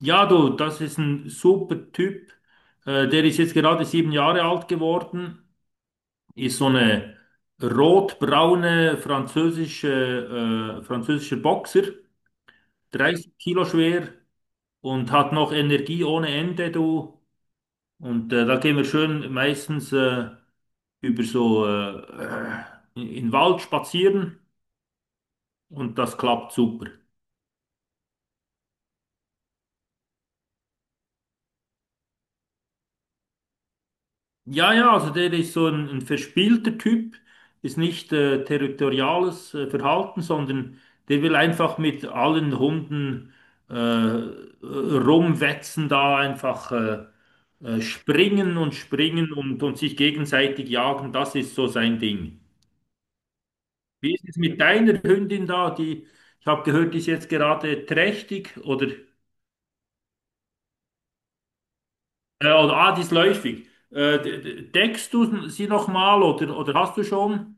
Ja, du, das ist ein super Typ. Der ist jetzt gerade 7 Jahre alt geworden, ist so eine rotbraune französischer Boxer, 30 Kilo schwer und hat noch Energie ohne Ende, du. Und da gehen wir schön meistens über so äh, in den Wald spazieren und das klappt super. Ja, ja, also der ist so ein verspielter Typ, ist nicht territoriales Verhalten, sondern der will einfach mit allen Hunden rumwetzen, da einfach springen und springen und sich gegenseitig jagen. Das ist so sein Ding. Wie ist es mit deiner Hündin da? Die, ich habe gehört, die ist jetzt gerade trächtig oder ah, die ist läufig. Deckst du sie nochmal oder hast du schon?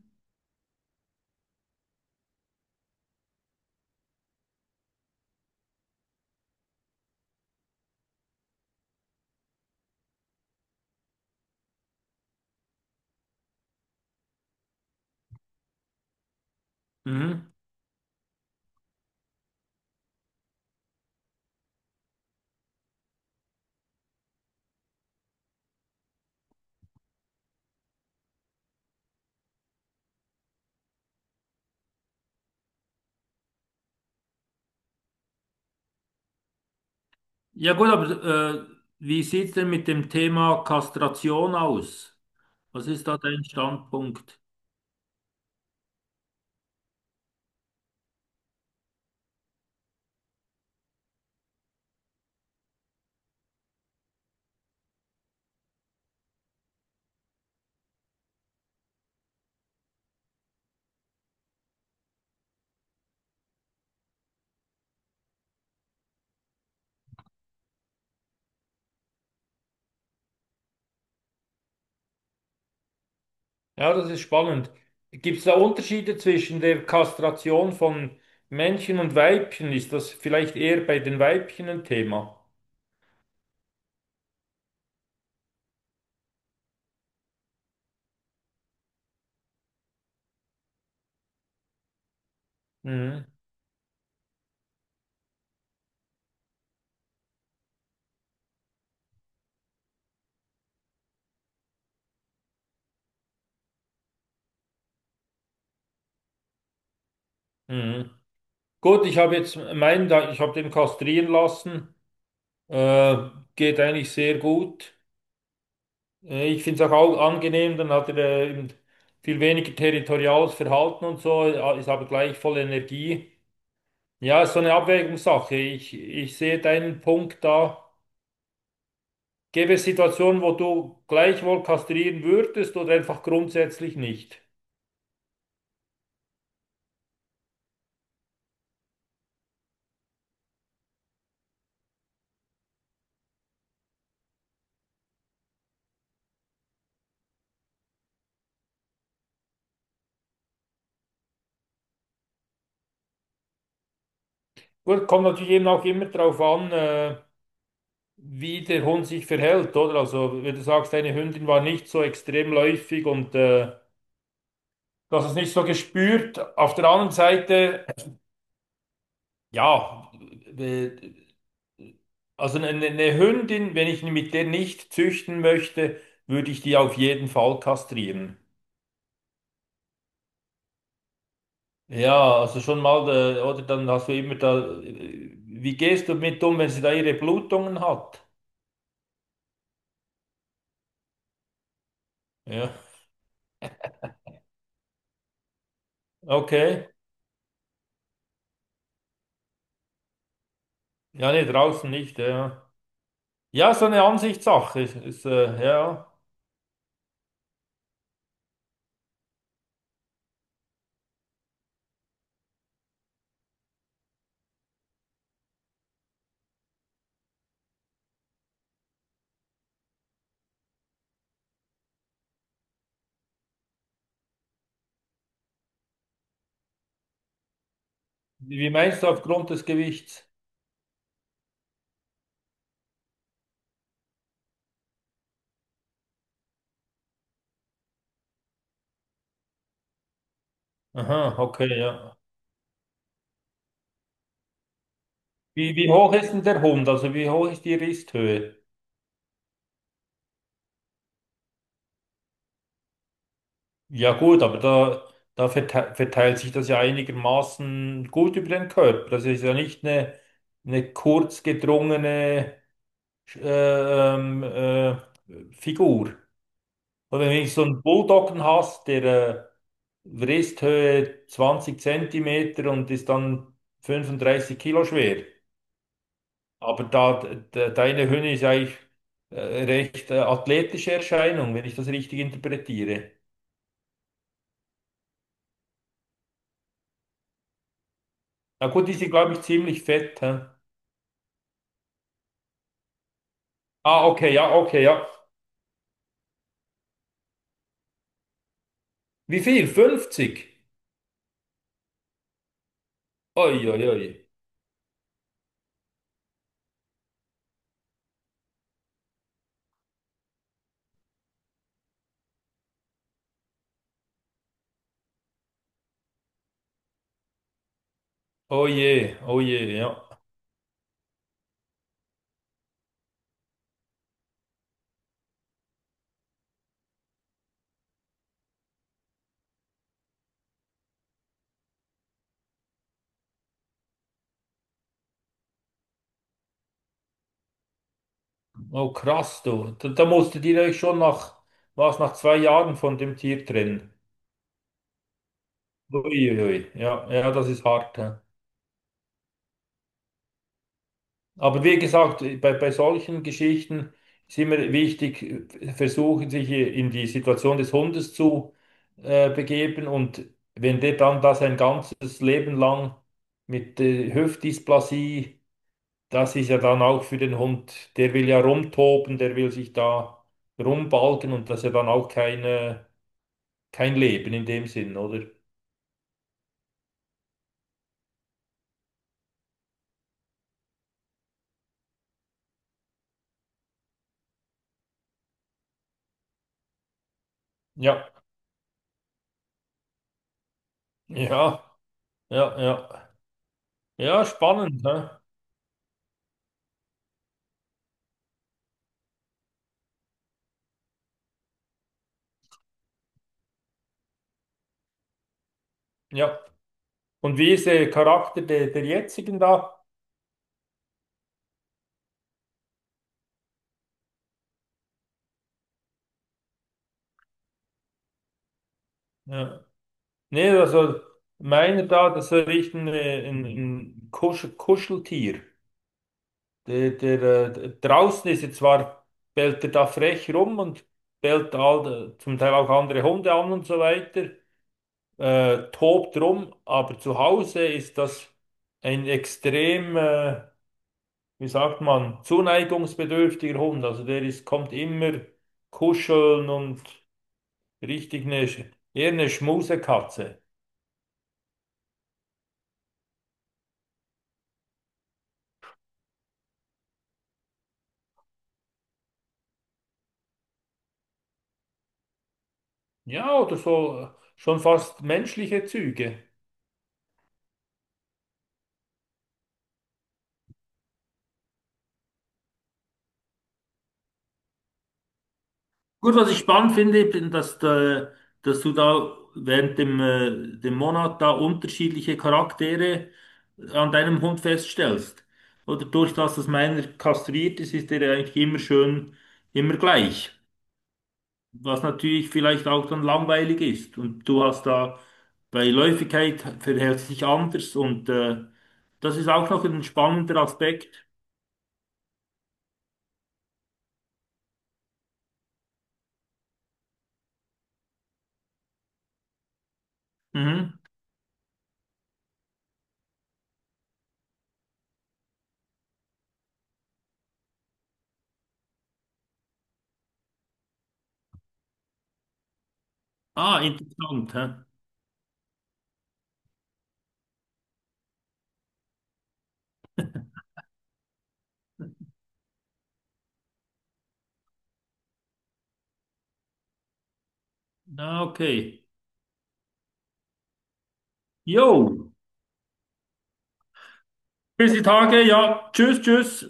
Mhm. Ja gut, aber äh, wie sieht es denn mit dem Thema Kastration aus? Was ist da dein Standpunkt? Ja, das ist spannend. Gibt es da Unterschiede zwischen der Kastration von Männchen und Weibchen? Ist das vielleicht eher bei den Weibchen ein Thema? Mhm. Mhm. Gut, ich habe jetzt meinen, ich habe den kastrieren lassen. Äh, Geht eigentlich sehr gut. Ich finde es auch angenehm, dann hat er eben viel weniger territoriales Verhalten und so, ja, ist aber gleich voll Energie. Ja, ist so eine Abwägungssache. Ich sehe deinen Punkt da. Gäbe es Situationen, wo du gleichwohl kastrieren würdest oder einfach grundsätzlich nicht? Gut, kommt natürlich eben auch immer darauf an, wie der Hund sich verhält, oder? Also, wenn du sagst, deine Hündin war nicht so extrem läufig und du hast es nicht so gespürt. Auf der anderen Seite. Ja, äh, also eine Hündin, wenn ich mit der nicht züchten möchte, würde ich die auf jeden Fall kastrieren. Ja, also schon mal, oder dann hast du immer da, wie gehst du mit um, wenn sie da ihre Blutungen hat? Ja, okay. Ja, nee, draußen nicht, ja. Ja, so eine Ansichtssache ist, ja. Wie meinst du aufgrund des Gewichts? Aha, okay, ja. Wie hoch ist denn der Hund? Also wie hoch ist die Risthöhe? Ja gut, aber da verteilt sich das ja einigermaßen gut über den Körper. Das ist ja nicht eine kurz gedrungene äh, ähm, äh, Figur. Und wenn du so einen Bulldoggen hast, der äh, Wristhöhe 20 Zentimeter und ist dann 35 Kilo schwer. Aber deine Hündin ist eigentlich äh, recht athletische Erscheinung, wenn ich das richtig interpretiere. Na gut, die sind, glaube ich, ziemlich fett. Hä? Ah, okay, ja, okay, ja. Wie viel? 50? Oi, oi, oi. Oh je, ja. Oh krass, du. Da musst du direkt schon nach, was, nach 2 Jahren von dem Tier trennen. Ui, ui, ja, ja, das ist hart. Ja. Aber wie gesagt, bei solchen Geschichten ist immer wichtig, versuchen sich in die Situation des Hundes zu begeben. Und wenn der dann das ein ganzes Leben lang mit Hüftdysplasie, das ist ja dann auch für den Hund, der will ja rumtoben, der will sich da rumbalgen und das ist ja dann auch keine, kein Leben in dem Sinn, oder? Ja, ja, ja, ja. Ja, spannend, ne? Ja. Und wie ist der Charakter der jetzigen da? Ja. Nee, also meiner da, das ist echt ein Kuscheltier. Draußen ist er zwar, bellt er da frech rum und bellt zum Teil auch andere Hunde an und so weiter. Tobt rum, aber zu Hause ist das ein extrem, wie sagt man, zuneigungsbedürftiger Hund. Also der ist, kommt immer kuscheln und richtig eine, eher eine Schmusekatze. Ja, oder so schon fast menschliche Züge. Gut, was ich spannend finde, bin, dass du da während dem Monat da unterschiedliche Charaktere an deinem Hund feststellst. Oder durch das, dass meiner kastriert ist, ist der eigentlich immer schön, immer gleich. Was natürlich vielleicht auch dann langweilig ist. Und du hast da bei Läufigkeit verhält sich anders und das ist auch noch ein spannender Aspekt. Mhm. Ah, interessant. Hä? Ah, okay. Jo. Bis die Tage, ja. Tschüss, tschüss.